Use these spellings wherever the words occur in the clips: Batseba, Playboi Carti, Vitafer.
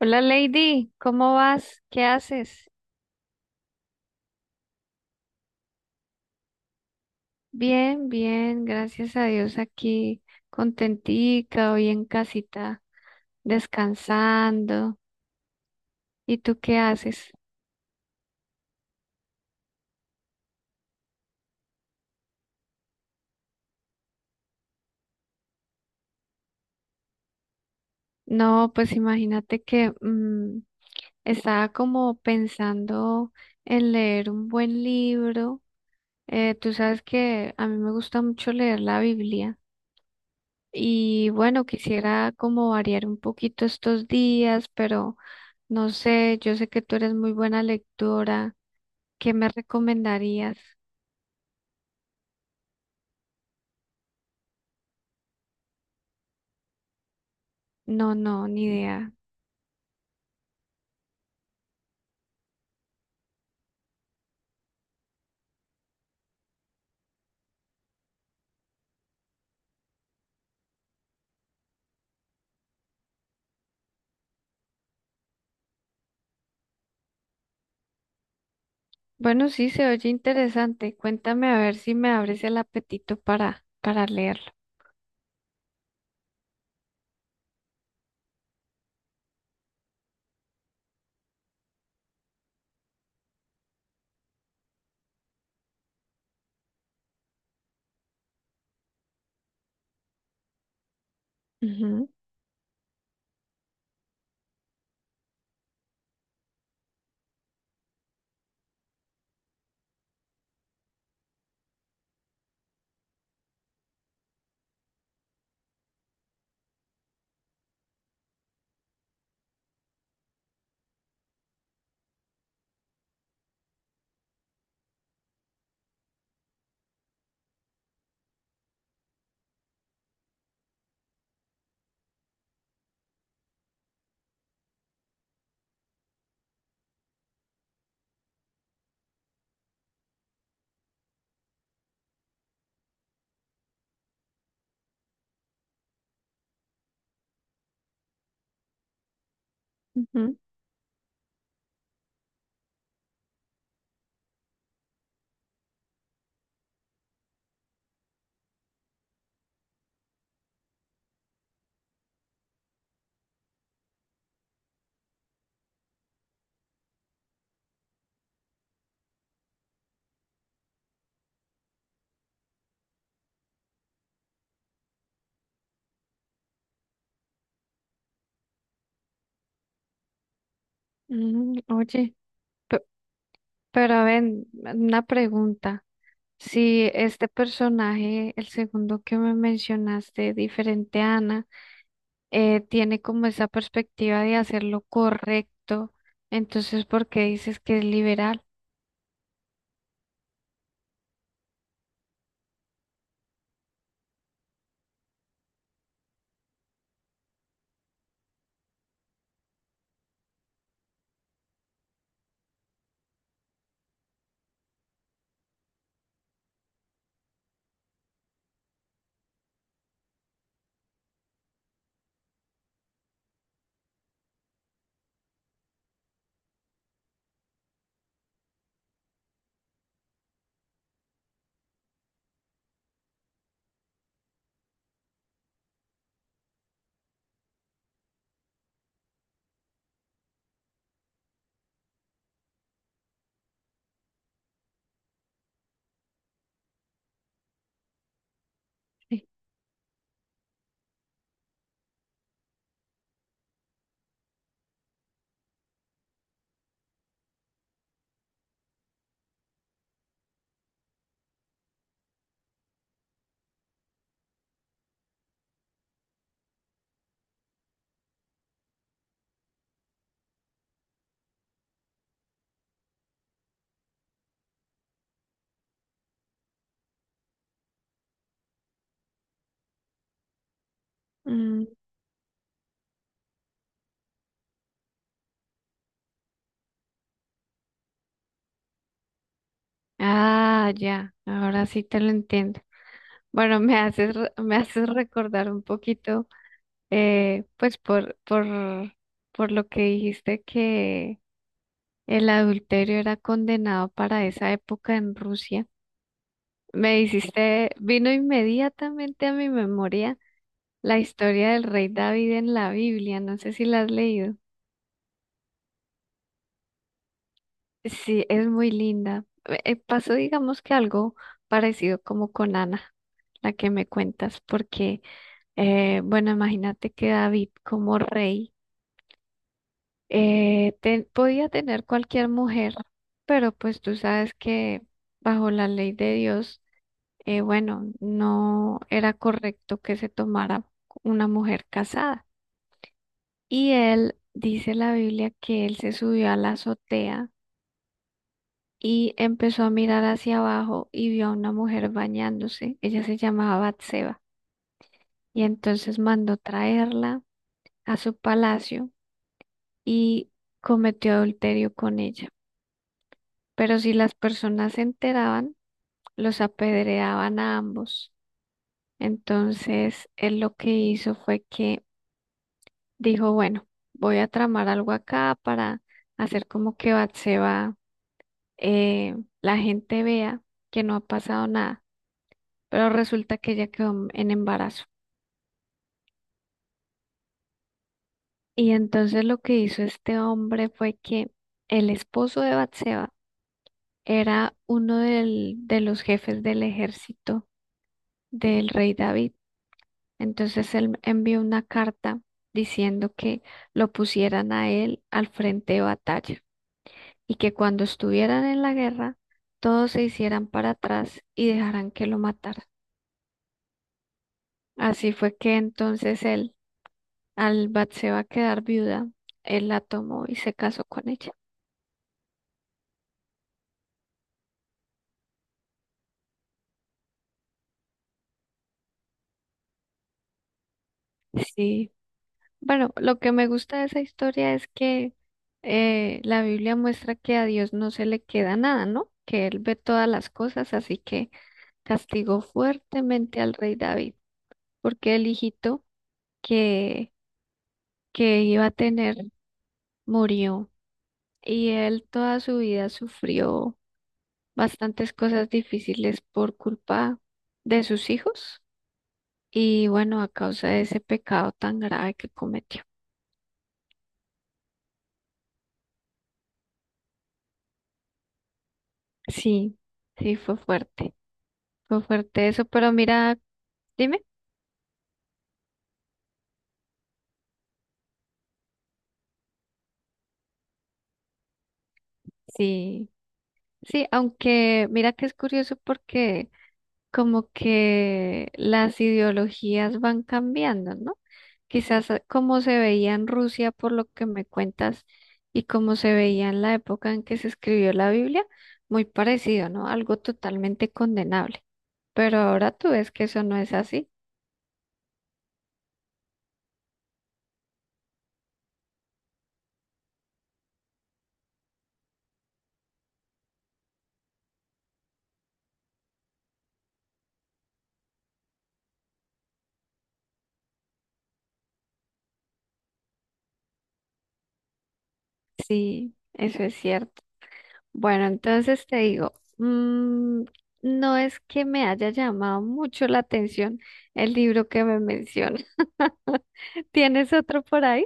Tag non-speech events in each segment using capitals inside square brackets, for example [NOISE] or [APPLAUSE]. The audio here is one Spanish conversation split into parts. Hola Lady, ¿cómo vas? ¿Qué haces? Bien, bien, gracias a Dios aquí, contentica, hoy en casita, descansando. ¿Y tú qué haces? No, pues imagínate que estaba como pensando en leer un buen libro. Tú sabes que a mí me gusta mucho leer la Biblia. Y bueno, quisiera como variar un poquito estos días, pero no sé, yo sé que tú eres muy buena lectora. ¿Qué me recomendarías? No, no, ni idea. Bueno, sí, se oye interesante. Cuéntame a ver si me abres el apetito para leerlo. Ujú, ujú, ujú. Oye, pe- pero ven, una pregunta. Si este personaje, el segundo que me mencionaste, diferente a Ana, tiene como esa perspectiva de hacer lo correcto. Entonces, ¿por qué dices que es liberal? [LAUGHS] Sí. Mm. Ah, ya, ahora sí te lo entiendo. Bueno, me haces, me haces recordar un poquito, eh, pues por, por, por lo que dijiste que el adulterio era condenado para esa época en Rusia. Me hiciste, vino inmediatamente a mi memoria la historia del rey David en la Biblia. No sé si la has leído. Sí, es muy linda. Pasó, digamos que algo parecido como con Ana, la que me cuentas, porque, bueno, imagínate que David como rey podía tener cualquier mujer, pero pues tú sabes que bajo la ley de Dios, bueno, no era correcto que se tomara una mujer casada. Y él, dice la Biblia, que él se subió a la azotea y empezó a mirar hacia abajo y vio a una mujer bañándose. Ella se llamaba Batseba y entonces mandó traerla a su palacio y cometió adulterio con ella. Pero si las personas se enteraban, los apedreaban a ambos. Entonces él lo que hizo fue que dijo, bueno, voy a tramar algo acá para hacer como que Batseba, eh, la gente vea que no ha pasado nada. Pero resulta que ella quedó en embarazo. Y entonces lo que hizo este hombre fue que el esposo de Batseba era de los jefes del ejército del rey David. Entonces él envió una carta diciendo que lo pusieran a él al frente de batalla y que cuando estuvieran en la guerra, todos se hicieran para atrás y dejaran que lo mataran. Así fue que entonces él Albat se va a quedar viuda. Él la tomó y se casó con ella. Sí. Bueno, lo que me gusta de esa historia es que la Biblia muestra que a Dios no se le queda nada, ¿no? Que Él ve todas las cosas, así que castigó fuertemente al rey David, porque el hijito que, que iba a tener murió y él toda su vida sufrió bastantes cosas difíciles por culpa de sus hijos. Y bueno, a causa de ese pecado tan grave que cometió. Sí, sí, fue fuerte eso, pero mira, dime, sí, sí, aunque mira que es curioso porque como que las ideologías van cambiando, ¿no? Quizás como se veía en Rusia por lo que me cuentas y como se veía en la época en que se escribió la Biblia, muy parecido, ¿no? Algo totalmente condenable. Pero ahora tú ves que eso no es así. Sí, eso es cierto. Bueno, entonces te digo, mm, no es que me haya llamado mucho la atención el libro que me menciona. [LAUGHS] ¿Tienes otro por ahí?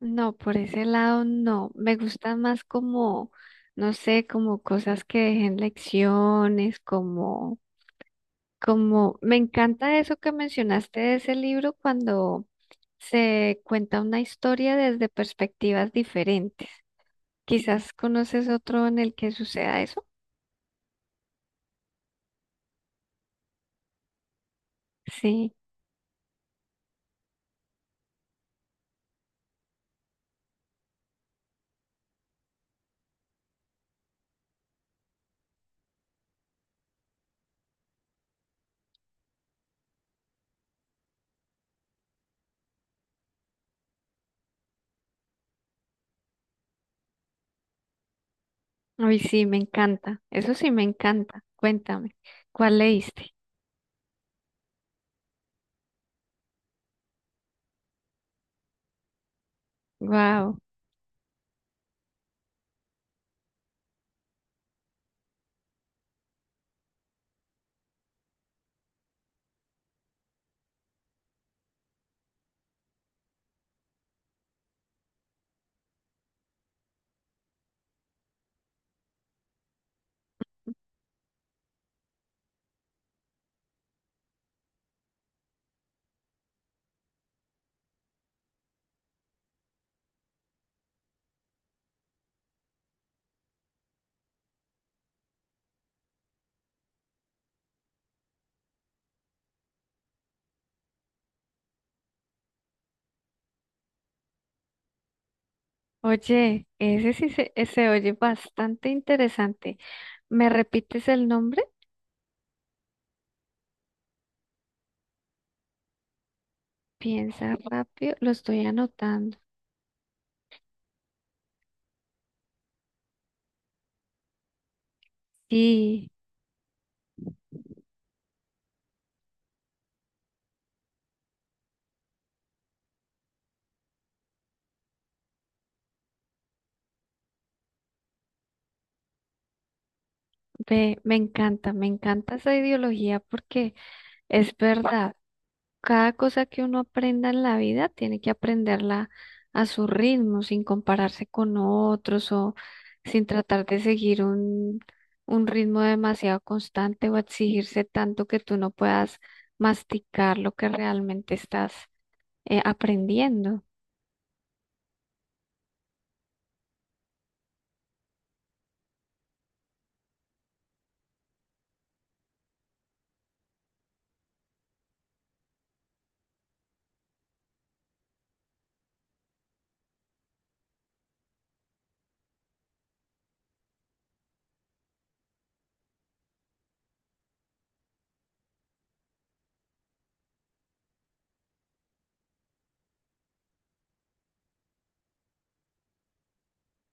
No, por ese lado no. Me gustan más no sé, como cosas que dejen lecciones, me encanta eso que mencionaste de ese libro cuando se cuenta una historia desde perspectivas diferentes. Quizás conoces otro en el que suceda eso. Sí, ay, sí, me encanta. Eso sí me encanta. Cuéntame, ¿cuál leíste? Wow. Oye, se oye bastante interesante. ¿Me repites el nombre? Piensa rápido, lo estoy anotando. Sí, ve, me encanta esa ideología porque es verdad. Cada cosa que uno aprenda en la vida tiene que aprenderla a su ritmo, sin compararse con otros o sin tratar de seguir un ritmo demasiado constante o exigirse tanto que tú no puedas masticar lo que realmente estás aprendiendo.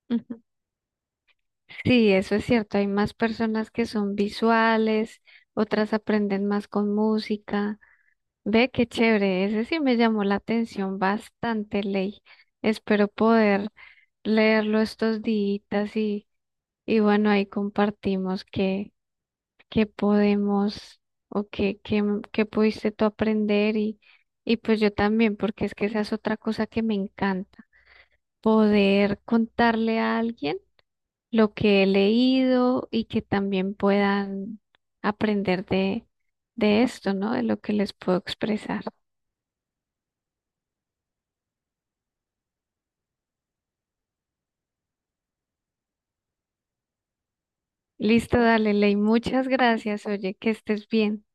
Ujú. Sí, eso es cierto. Hay más personas que son visuales, otras aprenden más con música. Ve qué chévere, ese sí me llamó la atención bastante, Ley. Espero poder leerlo estos días y bueno, ahí compartimos qué podemos o qué pudiste tú aprender y pues yo también, porque es que esa es otra cosa que me encanta, poder contarle a alguien lo que he leído y que también puedan aprender de esto, ¿no? De lo que les puedo expresar. Listo, dale, Ley. Muchas gracias. Oye, que estés bien.